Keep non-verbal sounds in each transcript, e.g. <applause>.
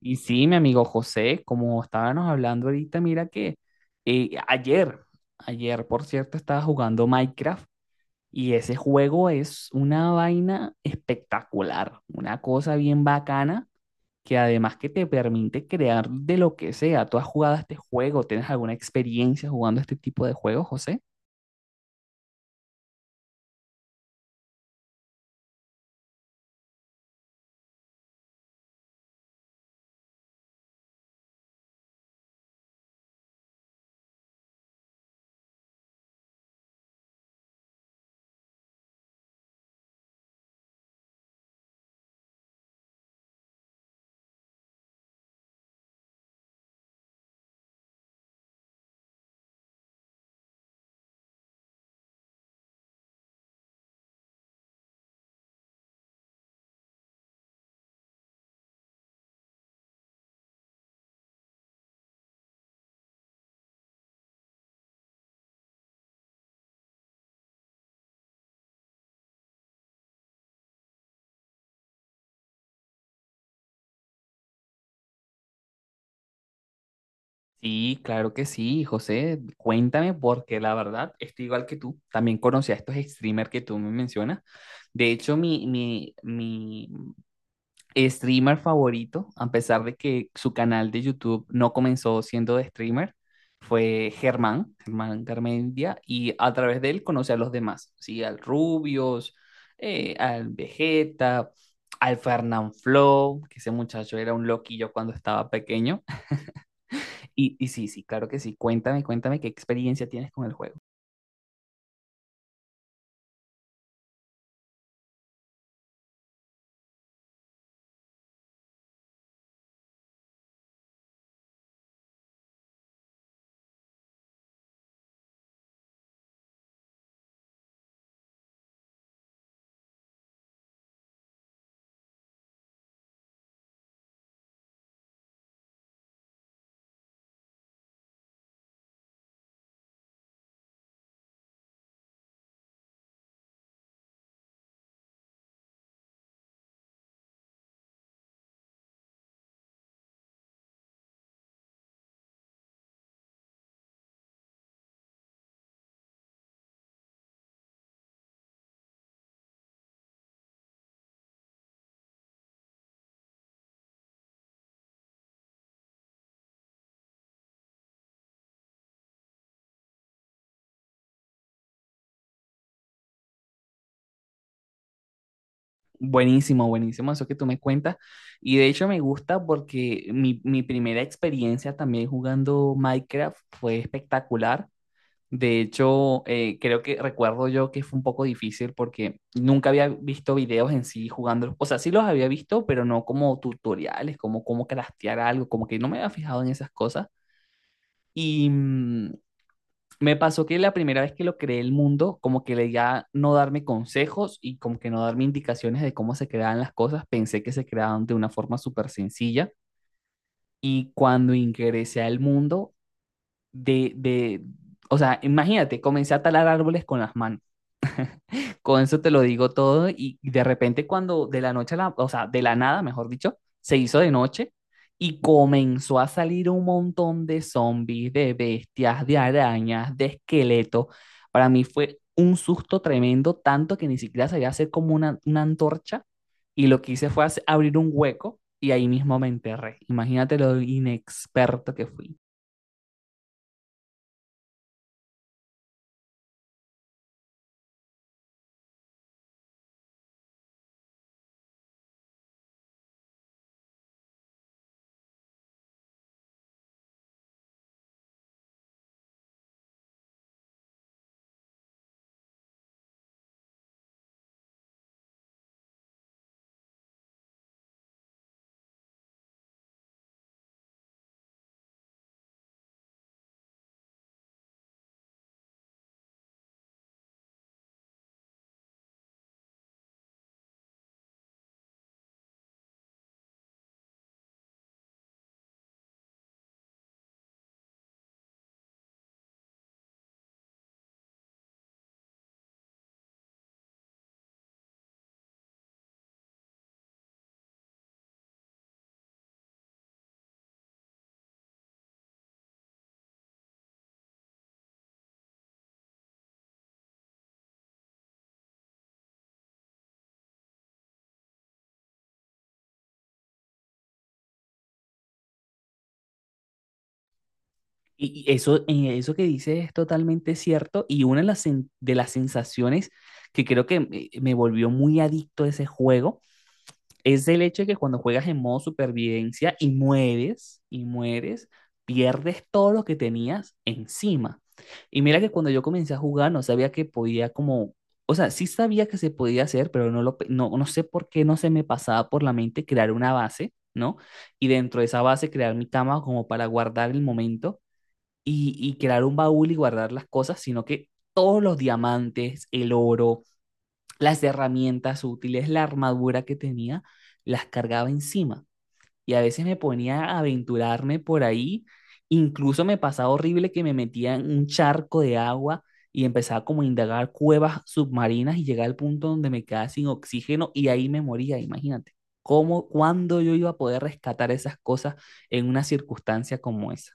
Y sí, mi amigo José, como estábamos hablando ahorita, mira que ayer, ayer, por cierto, estaba jugando Minecraft y ese juego es una vaina espectacular, una cosa bien bacana que además que te permite crear de lo que sea. ¿Tú has jugado a este juego? ¿Tienes alguna experiencia jugando a este tipo de juegos, José? Sí, claro que sí, José. Cuéntame, porque la verdad estoy igual que tú. También conocí a estos streamers que tú me mencionas. De hecho, mi streamer favorito, a pesar de que su canal de YouTube no comenzó siendo de streamer, fue Germán, Germán Garmendia, y a través de él conocí a los demás, ¿sí? Al Rubios, al Vegeta, al Fernanfloo, que ese muchacho era un loquillo cuando estaba pequeño. Y sí, sí, claro que sí. Cuéntame, cuéntame qué experiencia tienes con el juego. Buenísimo, buenísimo eso que tú me cuentas. Y de hecho me gusta porque mi primera experiencia también jugando Minecraft fue espectacular. De hecho, creo que recuerdo yo que fue un poco difícil porque nunca había visto videos en sí jugando. O sea, sí los había visto, pero no como tutoriales, como cómo craftear algo, como que no me había fijado en esas cosas. Y mm, Me pasó que la primera vez que lo creé el mundo, como que le ya no darme consejos y como que no darme indicaciones de cómo se creaban las cosas, pensé que se creaban de una forma súper sencilla. Y cuando ingresé al mundo, de, de, o sea, imagínate, comencé a talar árboles con las manos. Con eso te lo digo todo y de repente cuando de la noche a la, o sea, de la nada, mejor dicho, se hizo de noche y comenzó a salir un montón de zombies, de bestias, de arañas, de esqueletos. Para mí fue un susto tremendo, tanto que ni siquiera sabía hacer como una antorcha y lo que hice fue abrir un hueco y ahí mismo me enterré. Imagínate lo inexperto que fui. Y eso, y eso que dices es totalmente cierto y una de las, de las sensaciones que creo que me volvió muy adicto a ese juego es el hecho de que cuando juegas en modo supervivencia y mueres, pierdes todo lo que tenías encima. Y mira que cuando yo comencé a jugar no sabía que podía como, o sea, sí sabía que se podía hacer, pero no sé por qué no se me pasaba por la mente crear una base, ¿no? Y dentro de esa base crear mi cama como para guardar el momento y crear un baúl y guardar las cosas, sino que todos los diamantes, el oro, las herramientas útiles, la armadura que tenía, las cargaba encima. Y a veces me ponía a aventurarme por ahí. Incluso me pasaba horrible que me metía en un charco de agua y empezaba como a indagar cuevas submarinas y llegaba al punto donde me quedaba sin oxígeno y ahí me moría, imagínate. ¿Cómo, cuándo yo iba a poder rescatar esas cosas en una circunstancia como esa?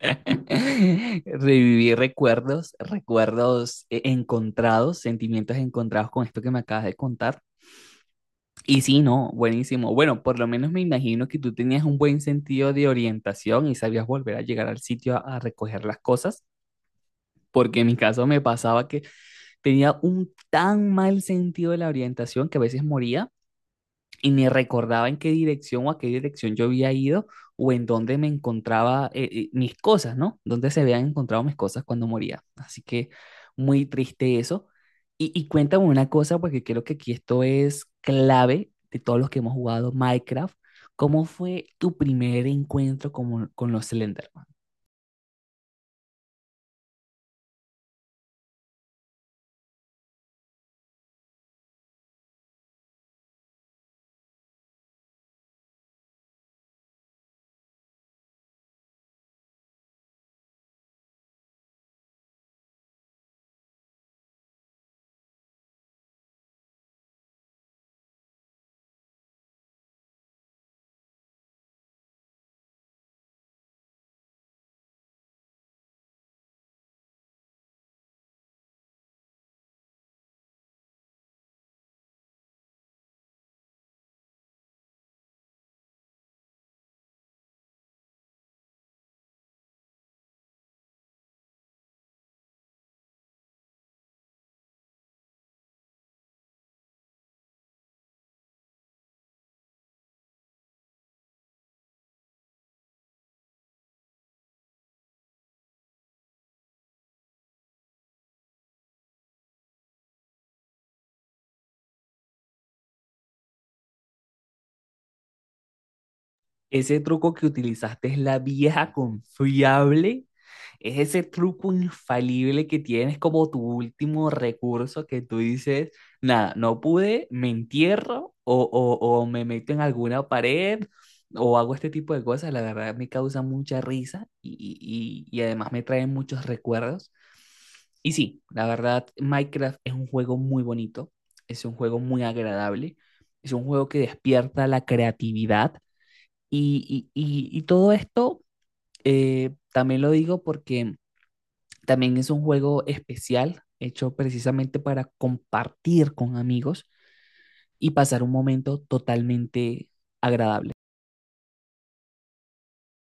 <laughs> Reviví recuerdos, recuerdos encontrados, sentimientos encontrados con esto que me acabas de contar. Y sí, no, buenísimo. Bueno, por lo menos me imagino que tú tenías un buen sentido de orientación y sabías volver a llegar al sitio a recoger las cosas, porque en mi caso me pasaba que tenía un tan mal sentido de la orientación que a veces moría y ni recordaba en qué dirección o a qué dirección yo había ido o en dónde me encontraba mis cosas, ¿no? Dónde se habían encontrado mis cosas cuando moría. Así que muy triste eso. Y cuéntame una cosa, porque creo que aquí esto es clave de todos los que hemos jugado Minecraft. ¿Cómo fue tu primer encuentro con los Slenderman? Ese truco que utilizaste es la vieja confiable. Es ese truco infalible que tienes como tu último recurso que tú dices, nada, no pude, me entierro o me meto en alguna pared o hago este tipo de cosas. La verdad me causa mucha risa y, y además me traen muchos recuerdos. Y sí, la verdad, Minecraft es un juego muy bonito, es un juego muy agradable, es un juego que despierta la creatividad y, y todo esto también lo digo porque también es un juego especial, hecho precisamente para compartir con amigos y pasar un momento totalmente agradable.